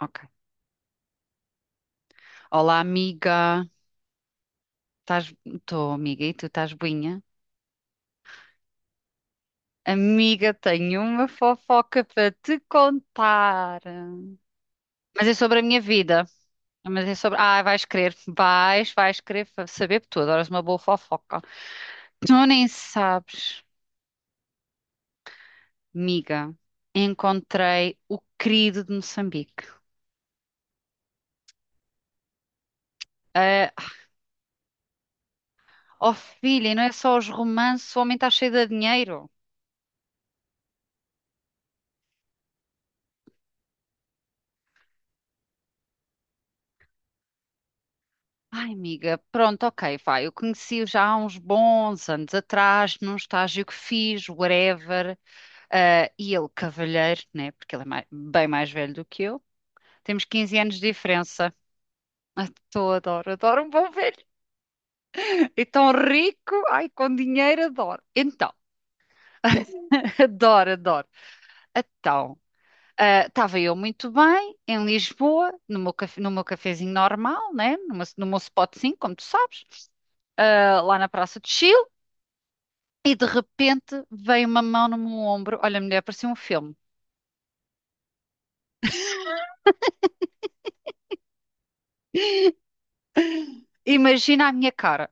Ok. Olá, amiga. Estás... Estou, amiga, e tu estás boinha? Amiga, tenho uma fofoca para te contar. Mas é sobre a minha vida. Mas é sobre. Ah, vais querer. Vais querer saber porque tu. Adoras uma boa fofoca. Tu nem sabes, amiga. Encontrei o querido de Moçambique. Ah, oh, filha, e não é só os romances, o homem está cheio de dinheiro. Ai, amiga, pronto, ok, vai. Eu conheci-o já há uns bons anos atrás, num estágio que fiz, whatever, ah, e ele cavalheiro, né? Porque ele é bem mais velho do que eu. Temos 15 anos de diferença. Ah, tô, adoro, adoro um bom velho. E tão rico, ai, com dinheiro, adoro. Então, adoro, adoro. Então, ah, estava eu muito bem em Lisboa, no meu, no meu cafezinho normal, né? Numa, no meu spotzinho, como tu sabes, ah, lá na Praça de Chile. E de repente veio uma mão no meu ombro. Olha, mulher, parecia um filme. Imagina a minha cara.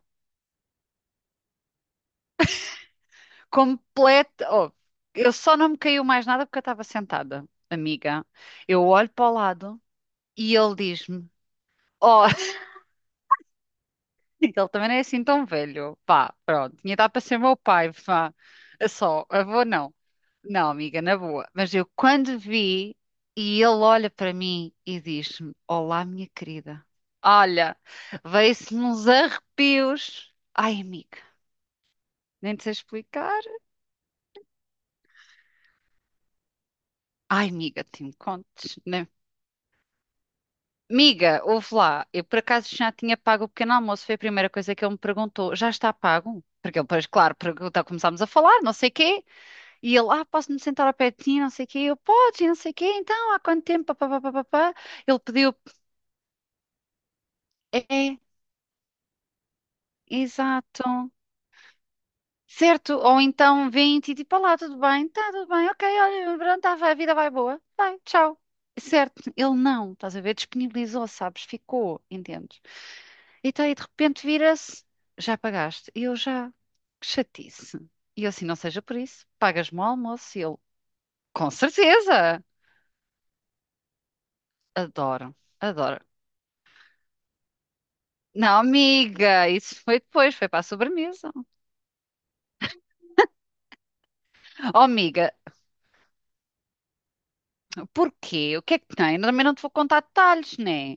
Completa. Oh, eu só não me caiu mais nada porque eu estava sentada, amiga. Eu olho para o lado e ele diz-me: Oh, ele também não é assim tão velho. Pá, pronto. Tinha dado para ser meu pai. Pá. É só, avô não. Não, amiga, na boa. Mas eu quando vi e ele olha para mim e diz-me: Olá, minha querida. Olha, veio-se-me uns arrepios. Ai, amiga, nem te sei explicar. Ai, amiga, te me contes, né? Amiga, ouve lá, eu por acaso já tinha pago o pequeno almoço, foi a primeira coisa que ele me perguntou. Já está pago? Porque ele, pois, claro, pergunta, começámos a falar, não sei quê, e ele, ah, posso-me sentar ao pé de ti, não sei quê, eu, podes, e não sei quê, então, há quanto tempo, pá, pá, pá, pá, pá. Ele pediu, é. Exato. Certo, ou então 20 e tipo, olá, tudo bem? Está tudo bem, ok, olha, pronto, tá, vai, a vida vai boa, vai, tchau. Certo, ele não, estás a ver, disponibilizou, sabes, ficou, entendes? Então aí de repente vira-se, já pagaste, e eu já, que chatice. E eu assim, não seja por isso, pagas-me o almoço, e ele, com certeza, adoro, adoro. Não, amiga, isso foi depois, foi para a sobremesa. Oh, amiga, porquê? O que é que tem? Eu também não te vou contar detalhes, né?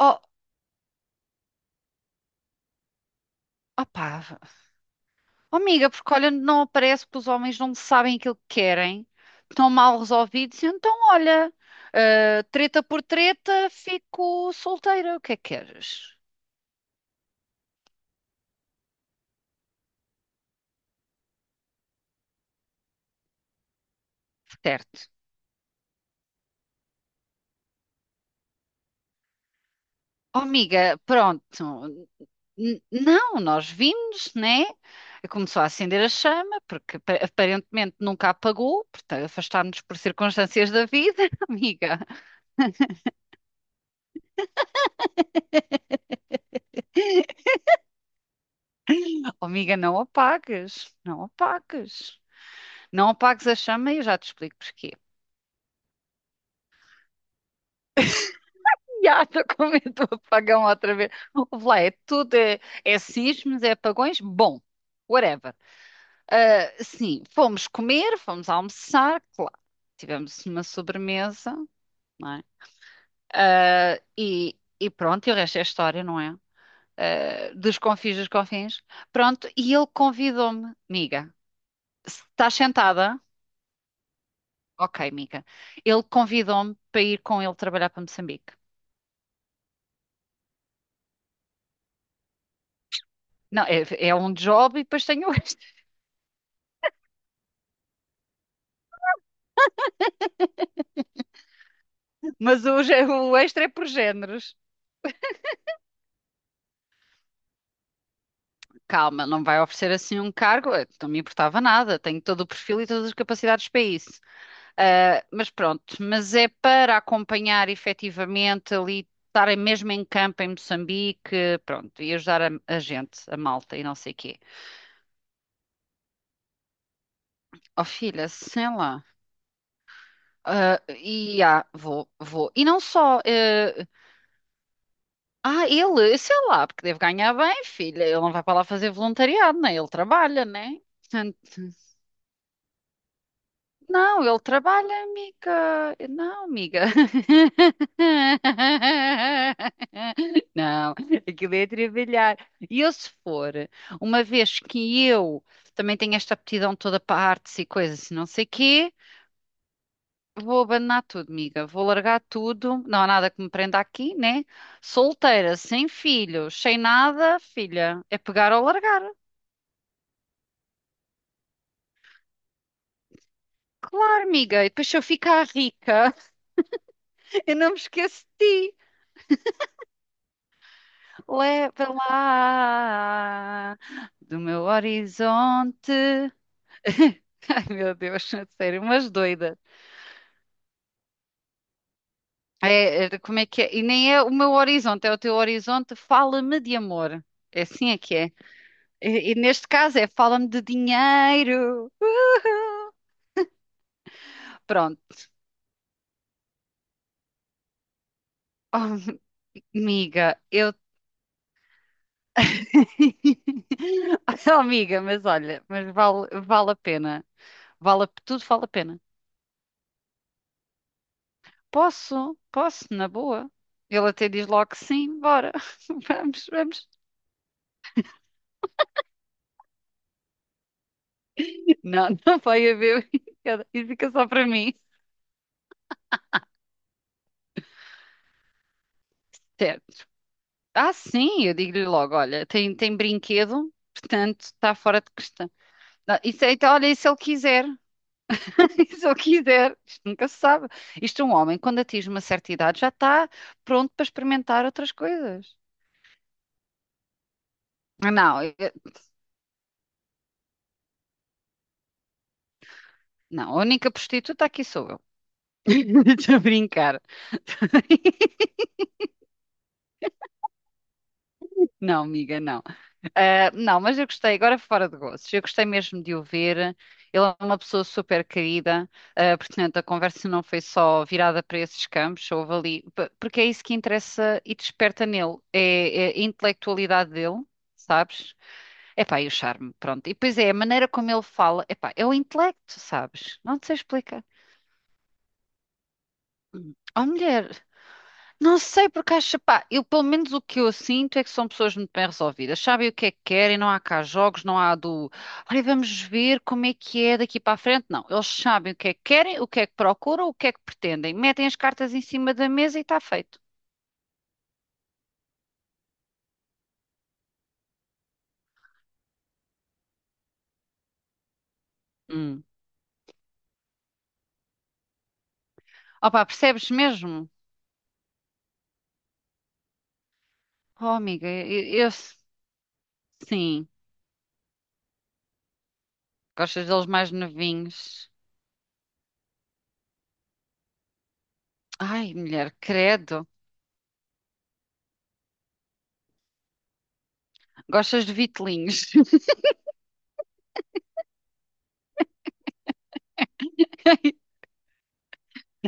Oh, opá, oh, amiga, porque olha, não aparece que os homens não sabem aquilo que querem, estão mal resolvidos, e então olha, ah, treta por treta, fico solteira, o que é que queres? Certo. Oh, amiga, pronto, não, nós vimos, né? Começou a acender a chama, porque aparentemente nunca apagou, portanto, afastámos-nos por circunstâncias da vida, amiga. Oh, amiga, não apagues, não apagues. Não apagues a chama e eu já te explico porquê. Já estou com medo do apagão outra vez. Ouve lá, é tudo, é, é sismos, é apagões, bom, whatever. Ah, sim, fomos comer, fomos almoçar, claro. Tivemos uma sobremesa, não é? Ah, e pronto, e o resto é história, não é? Ah, dos confins dos confins. Pronto, e ele convidou-me, amiga, se estás sentada? Ok, amiga. Ele convidou-me para ir com ele trabalhar para Moçambique. Não, é, é um job e depois tem o extra. Mas o, o extra é por géneros. Calma, não vai oferecer assim um cargo. Não me importava nada. Tenho todo o perfil e todas as capacidades para isso. Ah, mas pronto, mas é para acompanhar efetivamente ali, estar mesmo em campo em Moçambique, pronto, e ajudar a gente, a malta e não sei o quê. Oh, filha, sei lá. Ah, e ah, vou, vou. E não só. Ah, ele, sei lá, porque deve ganhar bem, filha. Ele não vai para lá fazer voluntariado, né? Ele trabalha, né? Portanto, não, ele trabalha, amiga. Não, amiga. Não, aquilo é trabalhar. E eu, se for, uma vez que eu também tenho esta aptidão toda para artes e coisas, e não sei quê, vou abandonar tudo, amiga. Vou largar tudo. Não há nada que me prenda aqui, né? Solteira, sem filhos, sem nada, filha. É pegar ou largar. Claro, amiga. E depois se eu ficar rica, eu não me esqueço de ti. Leva lá do meu horizonte. Ai, meu Deus, a sério, umas doidas. É, é, como é que é? E nem é o meu horizonte, é o teu horizonte. Fala-me de amor. É assim é que é. E neste caso é fala-me de dinheiro. Pronto. Oh, amiga, eu. Oh, amiga, mas olha, mas vale, vale a pena. Vale, tudo vale a pena. Posso, posso, na boa. Ele até diz logo que sim, bora. Vamos, vamos. Não, não vai haver. E fica só para mim. Certo. Ah, sim, eu digo-lhe logo, olha, tem, tem brinquedo, portanto, está fora de questão. Não, isso, então, olha, e se ele quiser? Se eu quiser, isto nunca se sabe. Isto é um homem, quando atinge uma certa idade, já está pronto para experimentar outras coisas. Ah, não, não, a única prostituta aqui sou eu. Estou a brincar. Não, amiga, não. Ah, não, mas eu gostei, agora fora de gostos, eu gostei mesmo de o ver. Ele é uma pessoa super querida, ah, portanto, a conversa não foi só virada para esses campos, houve ali, porque é isso que interessa e desperta nele, é, é a intelectualidade dele, sabes? Epá, e o charme, pronto. E depois é a maneira como ele fala, epá, é o intelecto, sabes? Não te sei explicar. Hum. Oh, mulher. Não sei, porque acho, pá, eu pelo menos o que eu sinto é que são pessoas muito bem resolvidas, sabem o que é que querem, não há cá jogos, não há do, olha, vamos ver como é que é daqui para a frente. Não, eles sabem o que é que querem, o que é que procuram, o que é que pretendem, metem as cartas em cima da mesa e está feito. Hum. Opa, percebes mesmo? Oh, amiga, sim, gostas deles mais novinhos. Ai, mulher, credo, gostas de vitelinhos.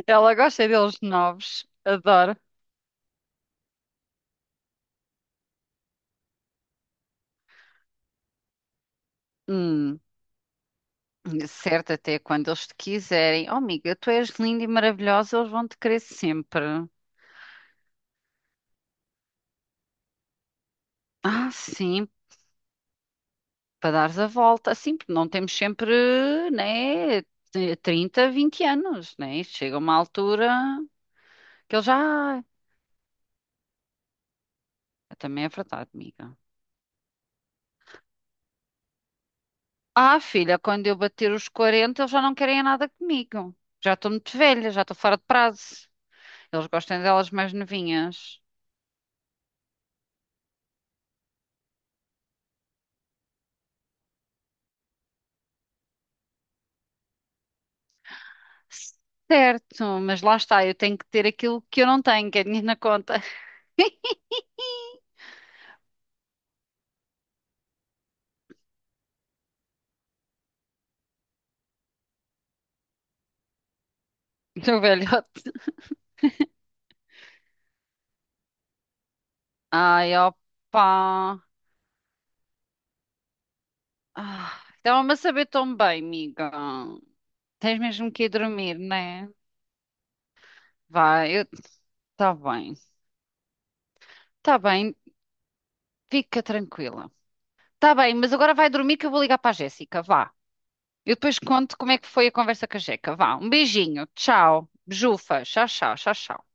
Ela gosta deles novos, adoro. Hum. Certo, até quando eles te quiserem. Oh, amiga, tu és linda e maravilhosa, eles vão te querer sempre. Ah, sim, para dares a volta. Assim, porque não temos sempre, né, 30, 20 anos, né? Chega uma altura que eles já. Ah, também é verdade, amiga. Ah, filha, quando eu bater os 40, eles já não querem nada comigo. Já estou muito velha, já estou fora de prazo. Eles gostam delas mais novinhas. Certo, mas lá está, eu tenho que ter aquilo que eu não tenho, que é dinheiro na conta. Do velho. Ai, opa. Ah, estava-me a saber tão bem, amiga. Tens mesmo que ir dormir, né? Vai, eu... tá bem. Tá bem, fica tranquila. Tá bem, mas agora vai dormir que eu vou ligar para a Jéssica, vá. Eu depois conto como é que foi a conversa com a Jeca, vá. Um beijinho, tchau. Bejufa, tchau, tchau, tchau, tchau.